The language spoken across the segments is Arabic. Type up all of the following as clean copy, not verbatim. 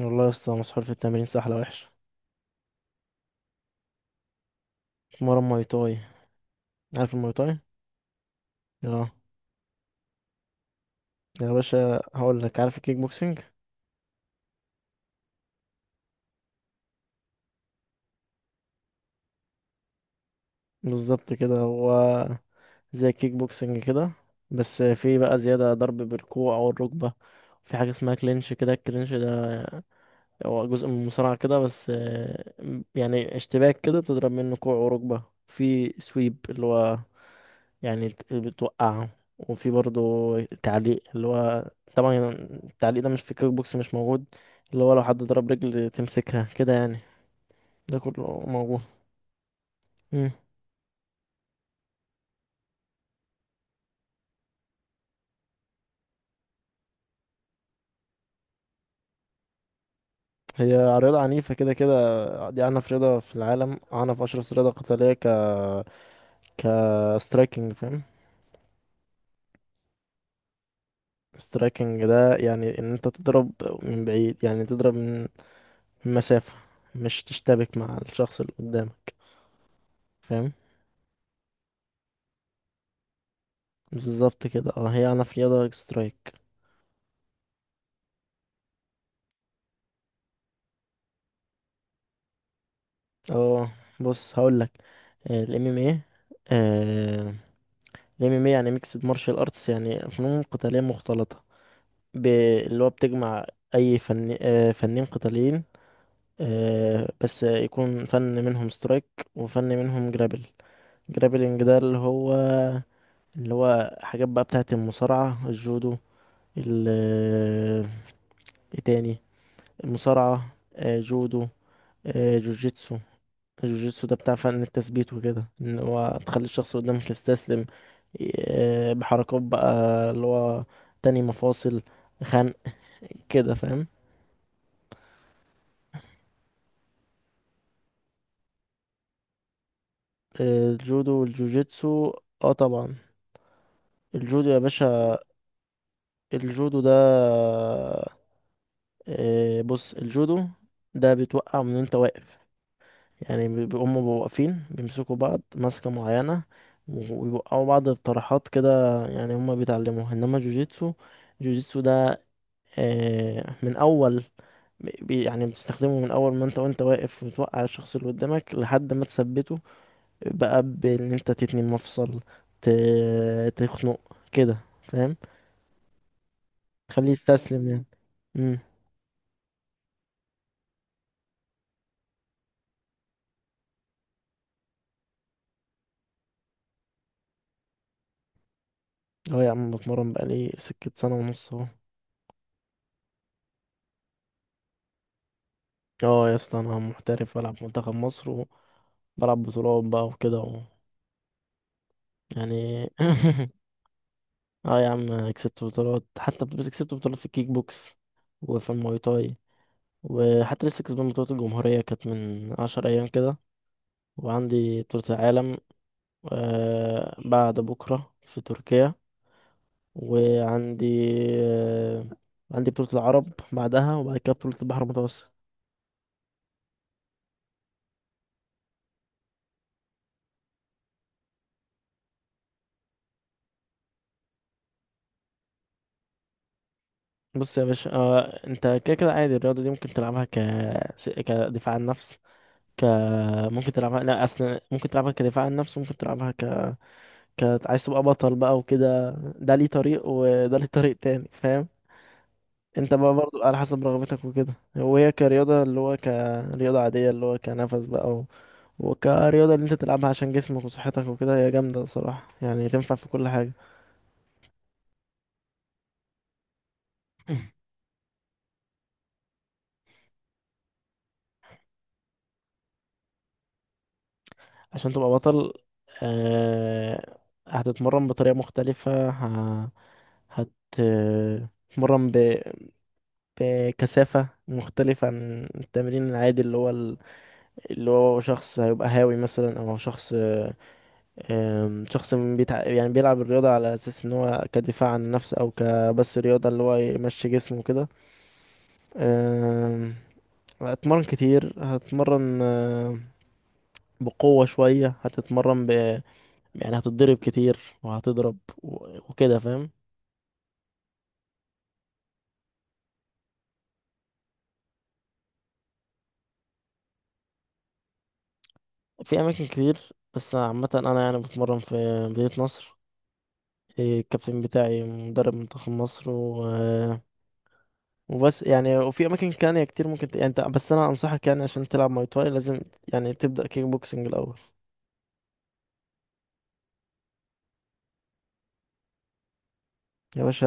والله يا اسطى مسحول في التمرين سحلة وحشة. مرة ماي تاي. عارف الماي تاي؟ اه يا باشا هقول لك، عارف الكيك بوكسنج؟ بالظبط كده هو. زي الكيك بوكسنج كده. بس في بقى زيادة ضرب بالكوع أو الركبة. في حاجة اسمها كلينش كده، الكلينش ده هو جزء من المصارعة كده، بس يعني اشتباك كده بتضرب منه كوع وركبة. في سويب اللي هو يعني بتوقعه. وفي برضه تعليق، اللي هو طبعا التعليق ده مش في الكيك بوكس، مش موجود. اللي هو لو حد ضرب رجل تمسكها كده يعني، ده كله موجود. مم. هي رياضة عنيفة كده كده. دي أعنف رياضة في العالم، أعنف أشرس رياضة قتالية ك ك striking، فاهم؟ striking ده يعني إن أنت تضرب من بعيد، يعني تضرب من مسافة. مش تشتبك مع الشخص اللي قدامك، فاهم؟ بالظبط كده، اه هي أعنف رياضة سترايك. اه بص هقول لك. الام ام ايه، الام ام ايه يعني ميكسد مارشال ارتس، يعني فنون قتاليه مختلطه. ب- اللي هو بتجمع اي فن، فنين قتاليين، بس يكون فن منهم سترايك وفن منهم جرابل. جرابلنج ده اللي هو حاجات بقى بتاعه المصارعه، الجودو، ال آه، ايه تاني، المصارعه، جودو، جوجيتسو. الجوجيتسو ده بتاع فن التثبيت وكده، ان هو تخلي الشخص اللي قدامك يستسلم، بحركات بقى اللي هو تاني مفاصل، خنق كده، فاهم؟ الجودو والجوجيتسو، اه طبعا. الجودو يا باشا، الجودو ده، بص الجودو ده بيتوقع من انت واقف. يعني هما بيبقوا واقفين بيمسكوا بعض ماسكة معينة، ويوقعوا بعض بطرحات كده، يعني هما بيتعلموها. انما جوجيتسو، جوجيتسو ده من اول، يعني بتستخدمه من اول ما انت واقف وتوقع الشخص اللي قدامك لحد ما تثبته بقى، بان انت تتني مفصل، تخنق كده، فاهم؟ تخليه يستسلم يعني. امم. اه يا عم بتمرن بقالي سكة سنة ونص اهو. اه يا اسطى انا محترف، بلعب منتخب مصر، وبلعب بطولات بقى وكده و... يعني. اه يا عم كسبت بطولات حتى، بس كسبت بطولات في الكيك بوكس وفي الماي تاي. وحتى لسه كسبان بطولة الجمهورية كانت من 10 أيام كده. وعندي بطولة العالم بعد بكرة في تركيا. وعندي آه، عندي بطولة العرب بعدها، وبعد كده بطولة البحر المتوسط. بص يا باشا، انت كده كده عادي، الرياضة دي ممكن تلعبها كدفاع عن النفس. ك ممكن تلعبها، لا اصل ممكن تلعبها كدفاع عن النفس، ممكن تلعبها ك... ك عايز تبقى بطل بقى وكده. ده ليه طريق وده ليه طريق تاني، فاهم؟ انت بقى برضو على حسب رغبتك وكده، وهي كرياضة اللي هو كرياضة عادية اللي هو كنفس بقى و... وكرياضة اللي انت تلعبها عشان جسمك وصحتك وكده، هي جامدة صراحة يعني، تنفع في كل حاجة. عشان تبقى بطل آه... هتتمرن بطريقة مختلفة، هتتمرن بكثافة مختلفة عن التمرين العادي، اللي هو اللي هو شخص هيبقى هاوي مثلا، او شخص، شخص يعني بيلعب الرياضة على أساس إن هو كدفاع عن النفس، أو كبس رياضة اللي هو يمشي جسمه كده. أم، هتتمرن كتير، هتتمرن بقوة شوية، هتتمرن يعني هتتضرب كتير، وهتضرب، وكده فاهم؟ في أماكن كتير، بس عامة أنا يعني بتمرن في مدينة نصر. الكابتن بتاعي مدرب منتخب مصر. وبس يعني، وفي اماكن تانية كتير ممكن يعني انت بس، انا انصحك يعني عشان تلعب ماي تواي لازم يعني تبدا كيك بوكسنج الاول. يا باشا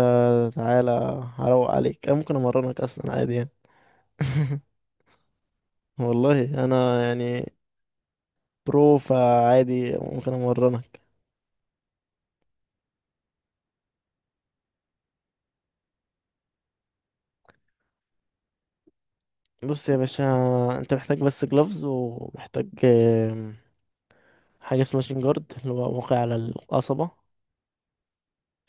تعالى هروق عليك، انا ممكن امرنك اصلا عادي يعني. والله انا يعني برو، فعادي ممكن امرنك. بص يا باشا، انت محتاج بس جلوفز، ومحتاج حاجه اسمها شين جارد، اللي هو واقع على القصبه.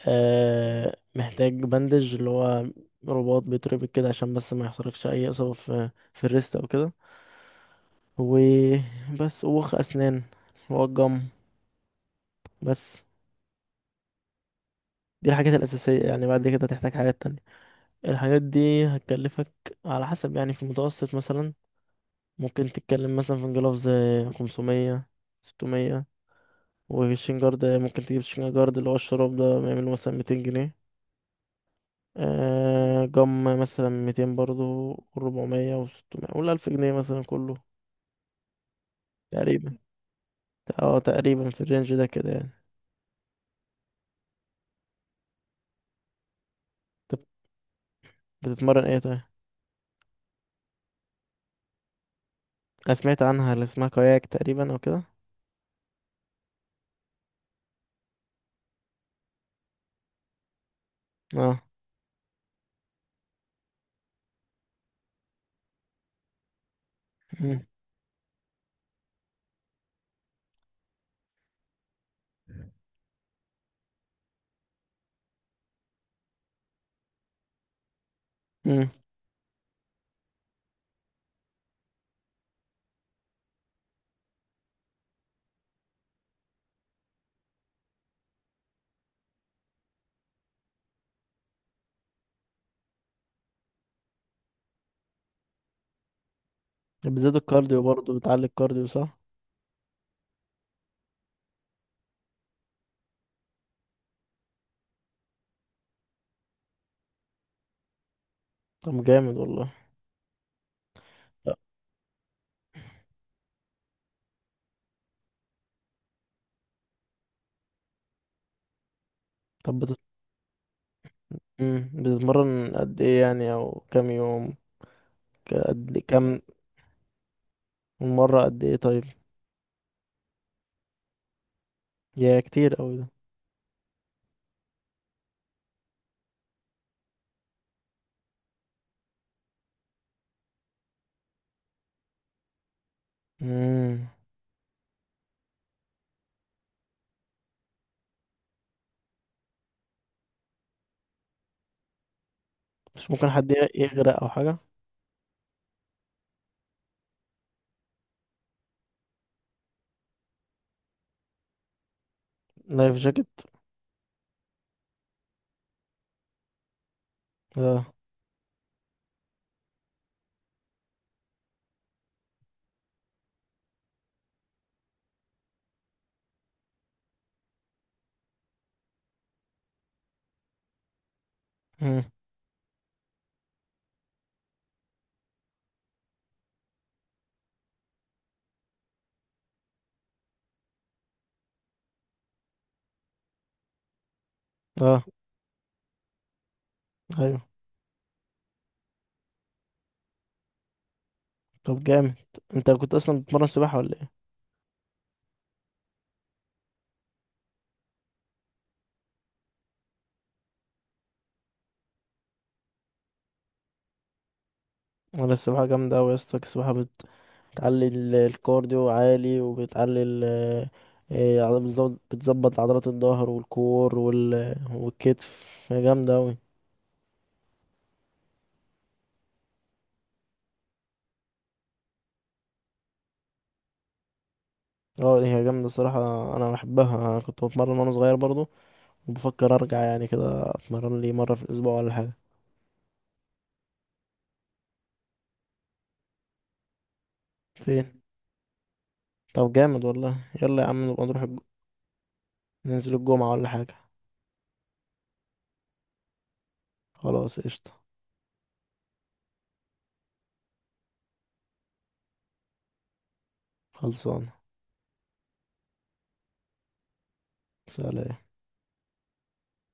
محتاج بندج، اللي هو رباط بيتربط كده عشان بس ما يحصلكش اي اصابه في الريست او كده. وبس، وخ أسنان، والجم، بس. دي الحاجات الأساسية يعني، بعد كده هتحتاج حاجات تانية. الحاجات دي هتكلفك على حسب يعني، في المتوسط مثلا، ممكن تتكلم مثلا في انجلوفز 500 600. والشين جارد ممكن تجيب شين جارد اللي هو الشراب ده بيعمله مثلا 200 جنيه. آه جم مثلا 200 برضو، 400 وستمية، قول 1000 جنيه مثلا كله تقريبا. اه تقريبا في الرينج ده كده يعني. طب بتتمرن ايه طيب؟ انا سمعت عنها اللي اسمها كاياك تقريبا او كده. اه. مم. مم. بتزيد الكارديو برضه، بتعلي الكارديو صح؟ طب جامد والله. لا. طب بت... مم. بتتمرن قد ايه يعني، او كام يوم؟ قد إيه؟ كام؟ مرة قد ايه طيب؟ يا كتير اوي ده. مم. مش ممكن حد يغرق او حاجة؟ لايف جاكيت. اه. مم. اه. ايوه. طب جامد، انت كنت اصلا بتتمرن سباحة ولا ايه؟ ولا السباحة جامدة اوي يا اسطى، السباحة بتعلي الكارديو عالي، وبتعلي ال إيه، عضل- بتزود- بتظبط عضلات الظهر والكور والكتف، هي جامدة أوي. اه هي جامدة الصراحة. أنا بحبها، أنا كنت بتمرن وأنا صغير برضو، وبفكر أرجع يعني كده، أتمرن لي مرة في الأسبوع ولا حاجة. فين؟ طب جامد والله. يلا يا عم نبقى نروح ننزل الجمعة ولا حاجة. خلاص قشطة. خلصان. سلام.